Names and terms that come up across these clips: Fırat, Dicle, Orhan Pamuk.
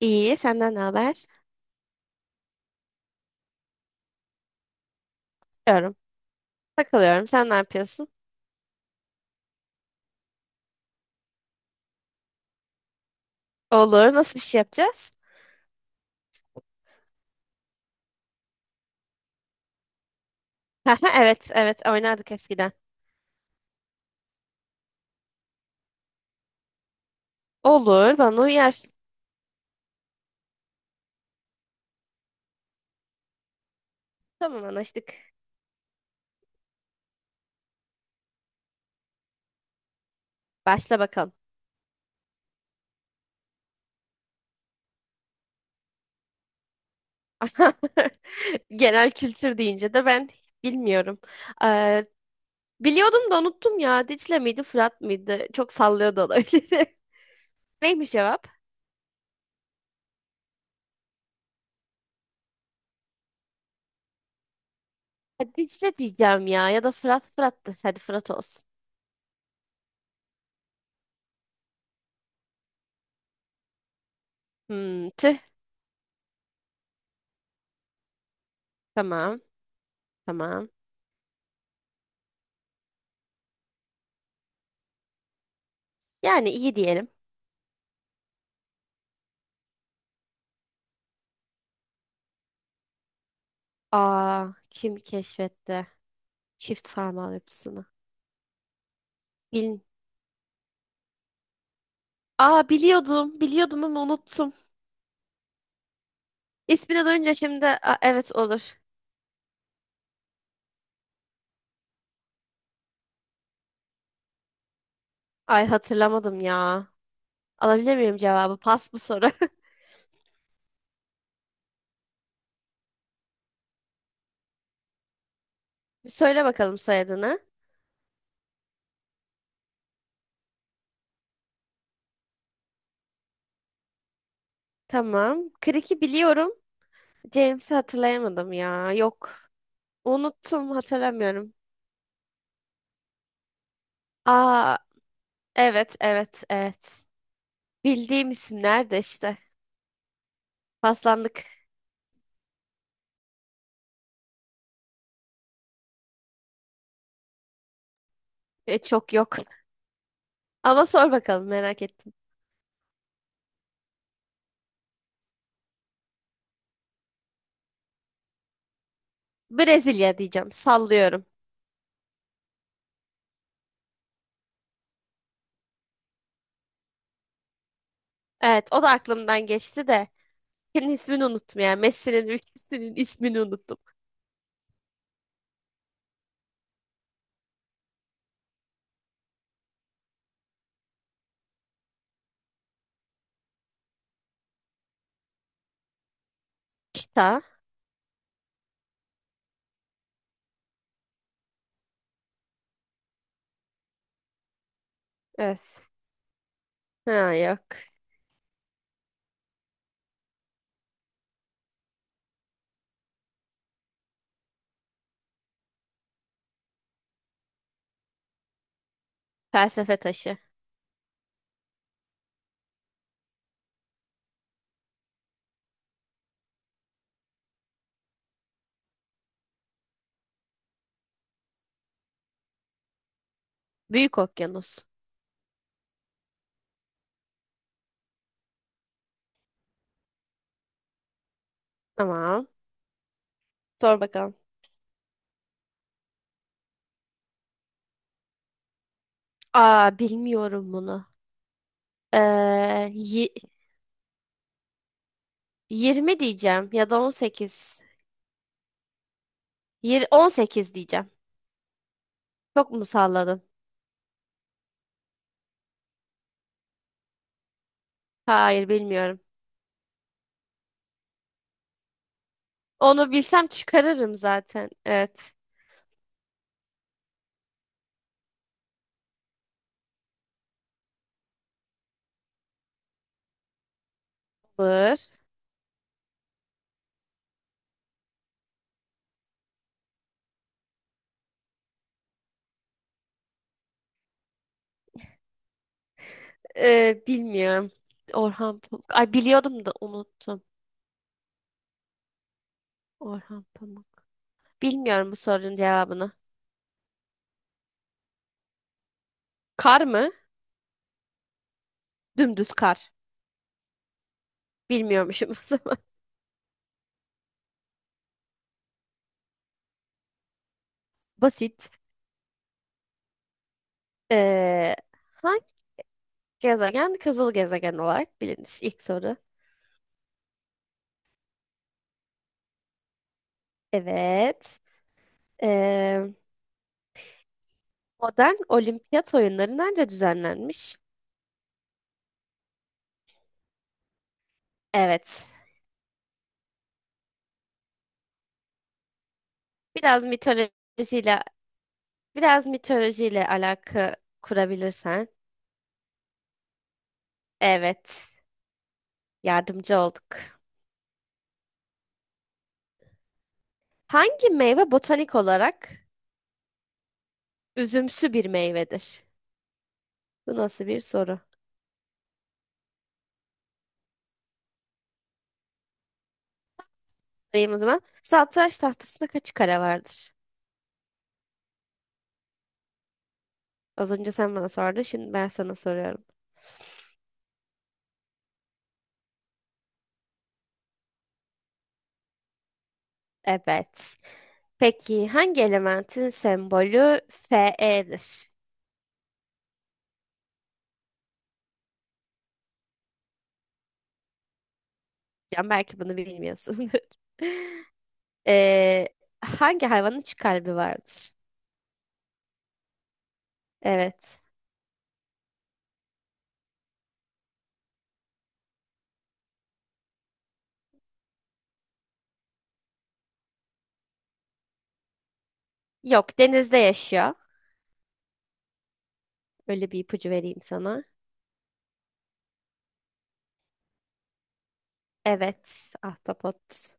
İyi, senden ne haber? Diyorum. Takılıyorum. Sen ne yapıyorsun? Olur, nasıl bir şey yapacağız? Evet, evet, oynardık eskiden. Olur, bana uyar. Tamam, anlaştık. Başla bakalım. Genel kültür deyince de ben bilmiyorum. Ee, Biliyordum da unuttum ya. Dicle miydi, Fırat mıydı? Çok sallıyordu olabilir. Neymiş cevap? Ha, Dicle diyeceğim ya. Ya da Fırat, Fırat da. Hadi Fırat olsun. Hmm, tüh. Tamam, tamam. Yani iyi diyelim. Aa, kim keşfetti çift sarmal yapısını? Bilin. Aa biliyordum, biliyordum ama unuttum. İsmini duyunca şimdi aa, evet olur. Ay hatırlamadım ya. Alabilir miyim cevabı? Pas bu soru. Bir söyle bakalım soyadını. Tamam. Crick'i biliyorum. James'i hatırlayamadım ya. Yok. Unuttum, hatırlamıyorum. Aa evet, evet, evet. Bildiğim isimler de işte. Paslandık. E, çok yok. Ama sor bakalım merak ettim. Brezilya diyeceğim. Sallıyorum. Evet, o da aklımdan geçti de. Senin ismini unuttum ya. Messi'nin ülkesinin ismini unuttum. Çita. Evet. Ha yok. Felsefe taşı. Büyük okyanus. Tamam. Sor bakalım. Aa bilmiyorum bunu. Ee, yi- 20 diyeceğim ya da 18. On sekiz diyeceğim. Çok mu salladım? Hayır bilmiyorum. Onu bilsem çıkarırım zaten. Evet. Olur. Bilmiyorum. Orhan Pamuk. Ay biliyordum da unuttum. Orhan Pamuk. Bilmiyorum bu sorunun cevabını. Kar mı? Dümdüz kar. Bilmiyormuşum o zaman. Basit. Ee, Hangi gezegen kızıl gezegen olarak bilinir? İlk soru. Evet. Ee, Modern olimpiyat oyunları nerede düzenlenmiş? Evet. Biraz mitolojiyle Biraz mitolojiyle alaka kurabilirsen. Evet. Yardımcı olduk. Hangi meyve botanik olarak üzümsü bir meyvedir? Bu nasıl bir soru? Sorayım o zaman. Satranç tahtasında kaç kare vardır? Az önce sen bana sordun, şimdi ben sana soruyorum. Evet. Peki hangi elementin sembolü Fe'dir? Yani belki bunu bilmiyorsun. Ee, Hangi hayvanın üç kalbi vardır? Evet. Yok, denizde yaşıyor. Öyle bir ipucu vereyim sana. Evet, ahtapot.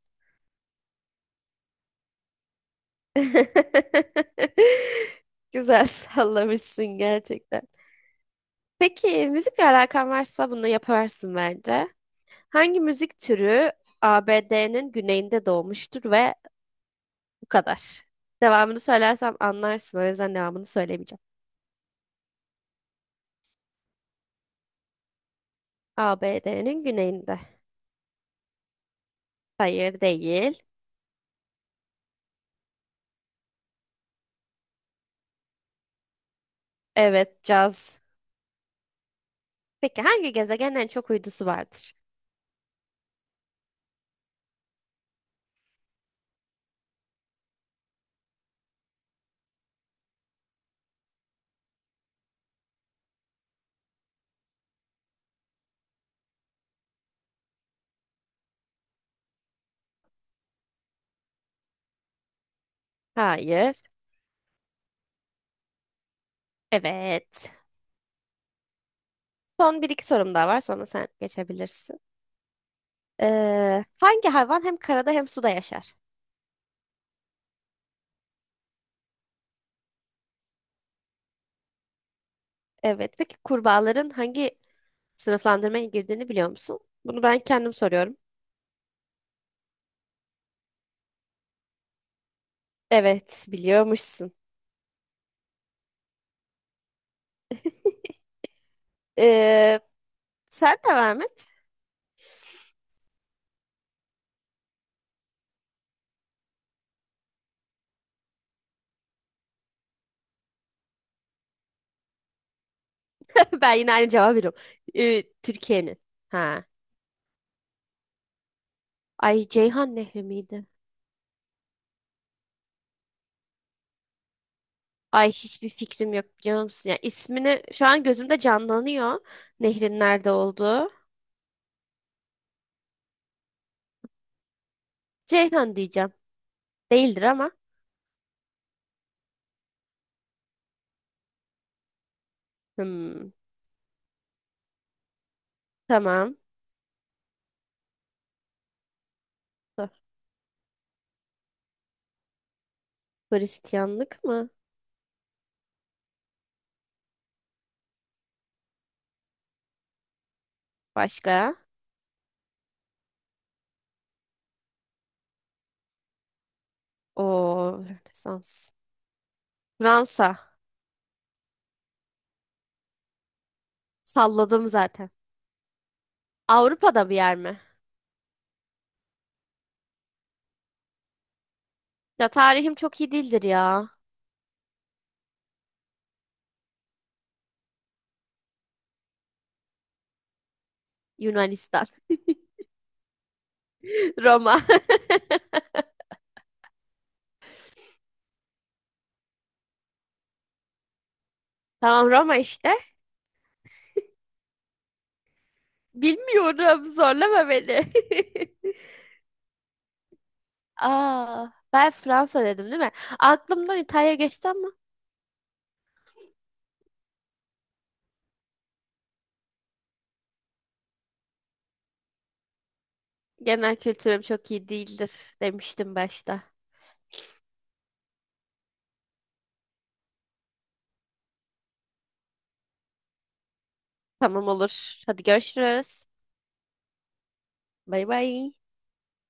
Güzel sallamışsın gerçekten. Peki müzikle alakan varsa bunu yaparsın bence. Hangi müzik türü ABD'nin güneyinde doğmuştur ve bu kadar. Devamını söylersem anlarsın. O yüzden devamını söylemeyeceğim. ABD'nin güneyinde. Hayır değil. Evet caz. Peki hangi gezegenin en çok uydusu vardır? Hayır. Evet. Son bir iki sorum daha var sonra sen geçebilirsin. Hangi hayvan hem karada hem suda yaşar? Evet. Peki kurbağaların hangi sınıflandırmaya girdiğini biliyor musun? Bunu ben kendim soruyorum. Evet, biliyormuşsun. Ee, Sen de Mehmet. Ben yine aynı cevabı veriyorum. Türkiye'nin. Ha. Ay Ceyhan Nehri miydi? Ay hiçbir fikrim yok biliyor musun? Ya ismini şu an gözümde canlanıyor. Nehrin nerede olduğu. Ceyhan diyeceğim. Değildir ama. Hmm, tamam. Dur. Hristiyanlık mı? Başka? O Rönesans. Fransa. Salladım zaten. Avrupa'da bir yer mi? Ya tarihim çok iyi değildir ya. Yunanistan. Roma. Tamam Roma işte. Bilmiyorum. Zorlama beni. Aa, ben Fransa dedim değil mi? Aklımdan İtalya geçti ama genel kültürüm çok iyi değildir demiştim başta. Tamam olur. Hadi görüşürüz. Bay bay.